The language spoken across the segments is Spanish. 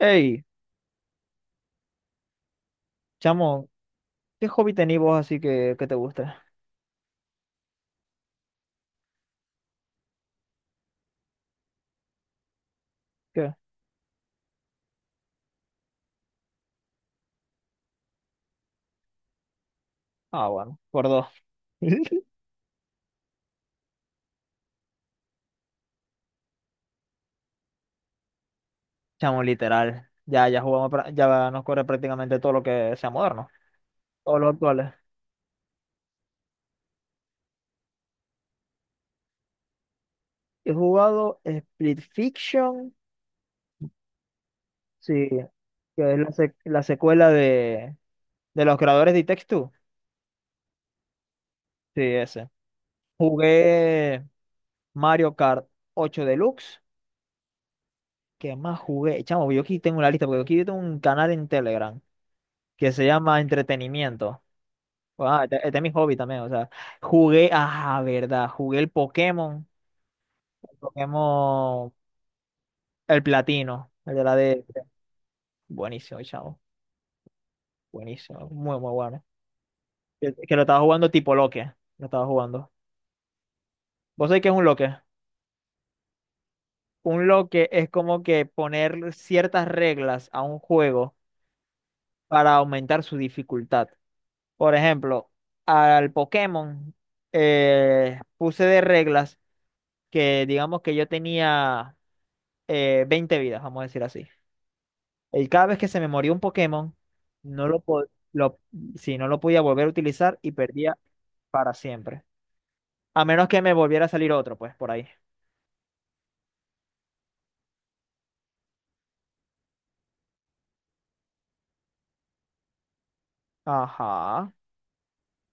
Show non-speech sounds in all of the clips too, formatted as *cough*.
Ey, chamo, ¿qué hobby tenés vos así que te gusta? ¿Qué? Ah, bueno, por dos. *laughs* Chamo, literal. Ya jugamos, ya nos corre prácticamente todo lo que sea moderno. Todos los actuales. He jugado Split Fiction, sí, que es la, la secuela de los creadores de It Takes Two. Sí, ese. Jugué Mario Kart 8 Deluxe. ¿Qué más jugué? Chamo, yo aquí tengo una lista, porque aquí tengo un canal en Telegram que se llama Entretenimiento. Pues, ah, este es mi hobby también, o sea, jugué, ah, verdad, jugué el Pokémon, el Pokémon, el platino, el de la de, buenísimo, chavo, buenísimo, muy, muy bueno. Que lo estaba jugando tipo loque, lo estaba jugando. ¿Vos sabés qué es un loque? Un loque es como que poner ciertas reglas a un juego para aumentar su dificultad. Por ejemplo, al Pokémon puse de reglas que digamos que yo tenía 20 vidas, vamos a decir así. Y cada vez que se me moría un Pokémon, no lo, po- lo, sí, no lo podía volver a utilizar y perdía para siempre. A menos que me volviera a salir otro, pues, por ahí. Ajá,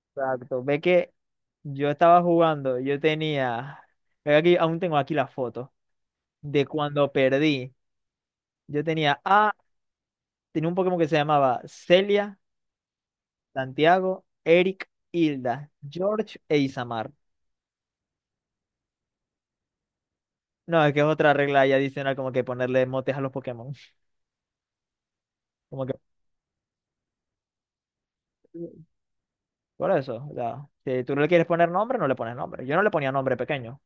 exacto. Ve que yo estaba jugando, yo tenía, ve aquí, aún tengo aquí la foto de cuando perdí. Yo tenía a, tenía un Pokémon que se llamaba Celia, Santiago, Eric, Hilda, George e Isamar. No, es que es otra regla ahí adicional, como que ponerle motes a los Pokémon. *laughs* Como que Por eso, o sea, si tú no le quieres poner nombre, no le pones nombre. Yo no le ponía nombre pequeño.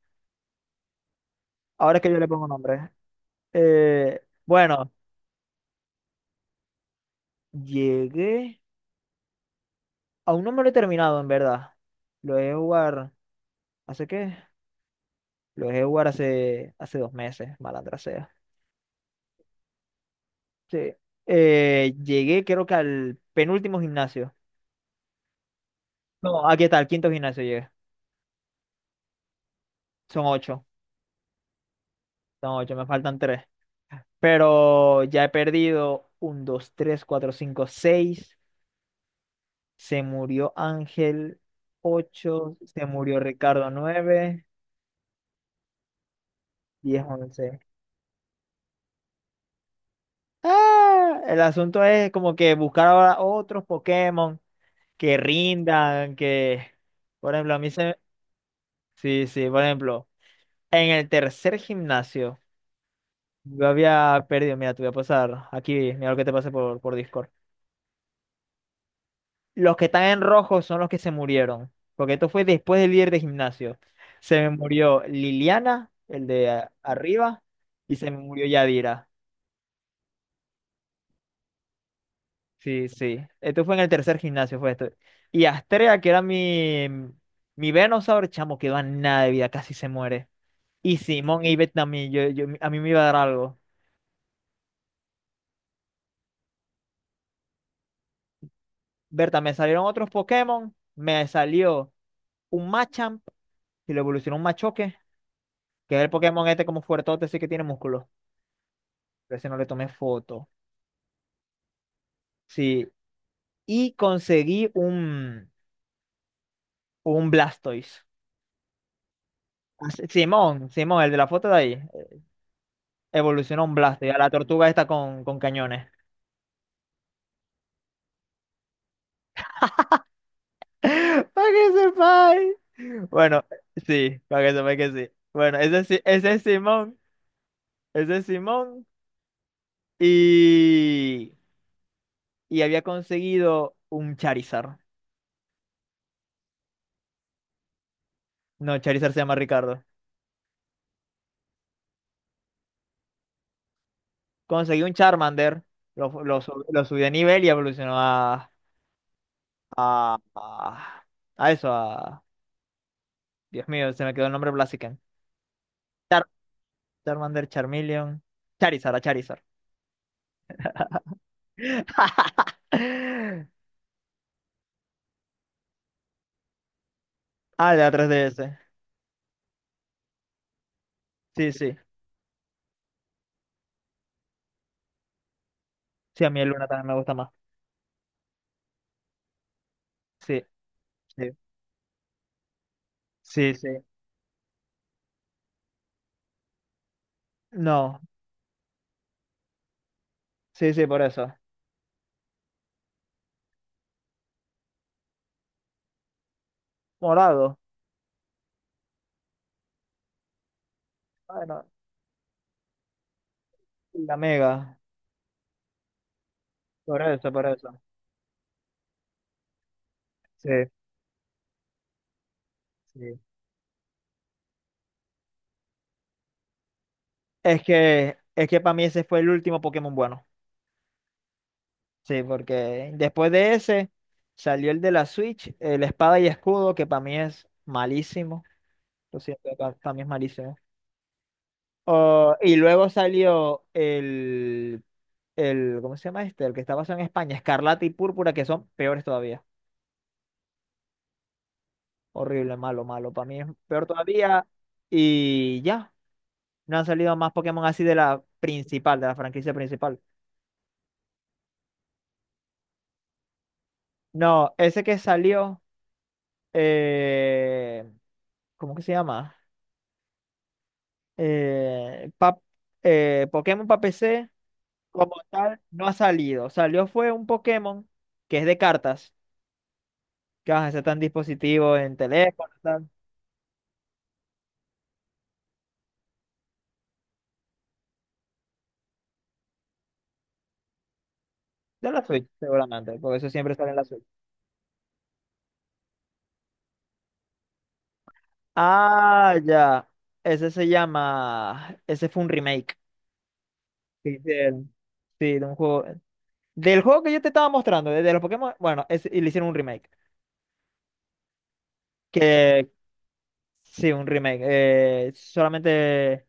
Ahora es que yo le pongo nombre. Bueno, llegué. Aún no me lo he terminado, en verdad. Lo dejé jugar. ¿Hace qué? Lo dejé jugar hace dos meses, malandra sea. Sí. Llegué, creo que al penúltimo gimnasio. No, aquí está, al quinto gimnasio llegué. Son ocho. Son ocho, me faltan tres. Pero ya he perdido un, dos, tres, cuatro, cinco, seis. Se murió Ángel ocho, se murió Ricardo nueve, diez, once. Ah, el asunto es como que buscar ahora otros Pokémon que rindan, que, por ejemplo, a mí se... Sí, sí, por ejemplo, en el tercer gimnasio yo había perdido, mira, te voy a pasar aquí, mira lo que te pasé por Discord. Los que están en rojo son los que se murieron, porque esto fue después del líder de gimnasio. Se me murió Liliana, el de arriba, y se me murió Yadira. Sí, sí. Esto fue en el tercer gimnasio, fue esto. Y Astrea, que era mi Venusaur, chamo, quedó a nada de vida, casi se muere. Y Simón y Bet también, a mí me iba a dar algo. Berta, me salieron otros Pokémon, me salió un Machamp, y lo evolucionó un Machoke, que es el Pokémon este como fuertote, sí que tiene músculo. Pero ese no le tomé foto. Sí, y conseguí un Blastoise. Ah, sí, Simón, Simón, el de la foto de ahí. Evolucionó un Blastoise, a la tortuga esta con cañones. *laughs* Para que sepáis. Bueno, sí, para que sepáis que sí. Bueno, ese, es ese es Simón, ese es Simón. Y, y había conseguido un Charizard. No, Charizard se llama Ricardo. Conseguí un Charmander, lo subí de nivel y evolucionó a, a eso, Dios mío, se me quedó el nombre Blaziken. Char Charmander, Charmeleon. Charizard, a Charizard. *laughs* Ah, de la 3DS. Sí, sí. Sí, a mí el Luna también me gusta más. Sí, sí. Sí, sí. No, sí, sí, por eso. Morado. Bueno, la Mega. Por eso, por eso. Sí, sí. Es que para mí ese fue el último Pokémon bueno. Sí, porque después de ese salió el de la Switch, el Espada y Escudo, que para mí es malísimo. Lo siento, para mí es malísimo. Oh, y luego salió ¿cómo se llama este? El que está basado en España, Escarlata y Púrpura, que son peores todavía. Horrible, malo, malo. Para mí es peor todavía. Y ya, no han salido más Pokémon así de la principal, de la franquicia principal. No, ese que salió, eh, ¿cómo que se llama? Eh, pa- Pokémon para PC, como tal, no ha salido. Salió fue un Pokémon que es de cartas que vas a ser tan dispositivo en teléfono, tal. De la Switch, seguramente, porque eso siempre sale en la Switch. Ah, ya. Ese se llama. Ese fue un remake que hicieron. Sí, de un juego. Del juego que yo te estaba mostrando, de los Pokémon. Bueno, y le hicieron un remake. Que. Sí, un remake, solamente.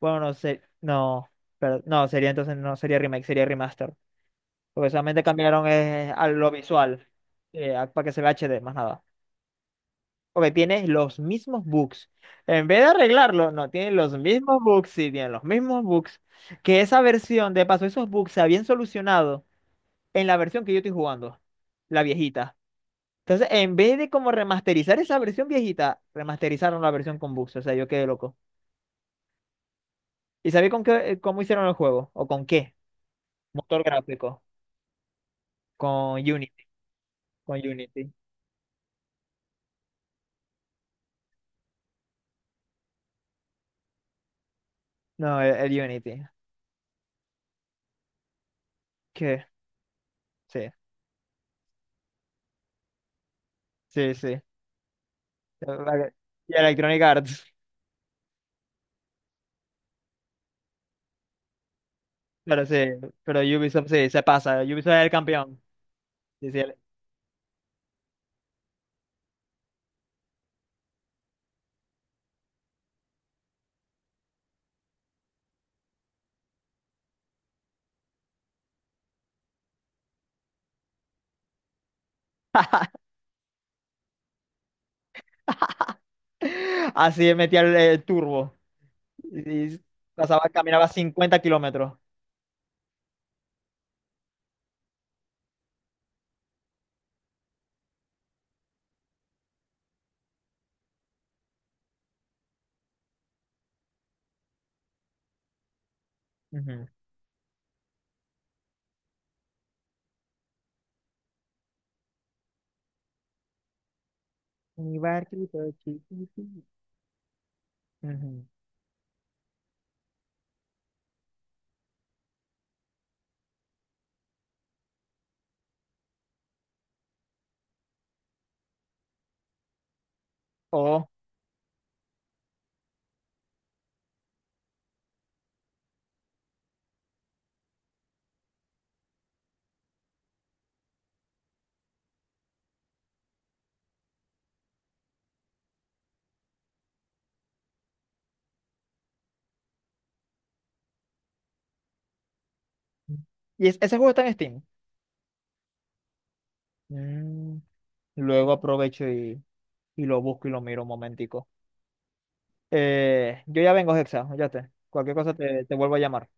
Bueno, no sé. No. Pero, no, sería entonces. No sería remake, sería remaster. Porque solamente cambiaron a lo visual, para que se vea HD, más nada. Ok, tienes los mismos bugs. En vez de arreglarlo, no, tienen los mismos bugs, sí, tienen los mismos bugs. Que esa versión, de paso, esos bugs se habían solucionado en la versión que yo estoy jugando, la viejita. Entonces, en vez de como remasterizar esa versión viejita, remasterizaron la versión con bugs. O sea, yo quedé loco. ¿Y sabéis con qué, cómo hicieron el juego? ¿O con qué? Motor gráfico. Con Unity. Con Unity. No, el Unity. ¿Qué? Sí, sí, sí. Y Electronic Arts. Pero sí, pero Ubisoft sí, se pasa. Ubisoft era el campeón. Sí, sí, él- Así metía el turbo. Y pasaba, caminaba 50 kilómetros. Ujú. Mi barquito chiquitito. Ujú. Oh, y ese juego está en Steam. Mm, luego aprovecho y lo busco y lo miro un momentico. Yo ya vengo, Hexa, ya cualquier cosa te, te vuelvo a llamar.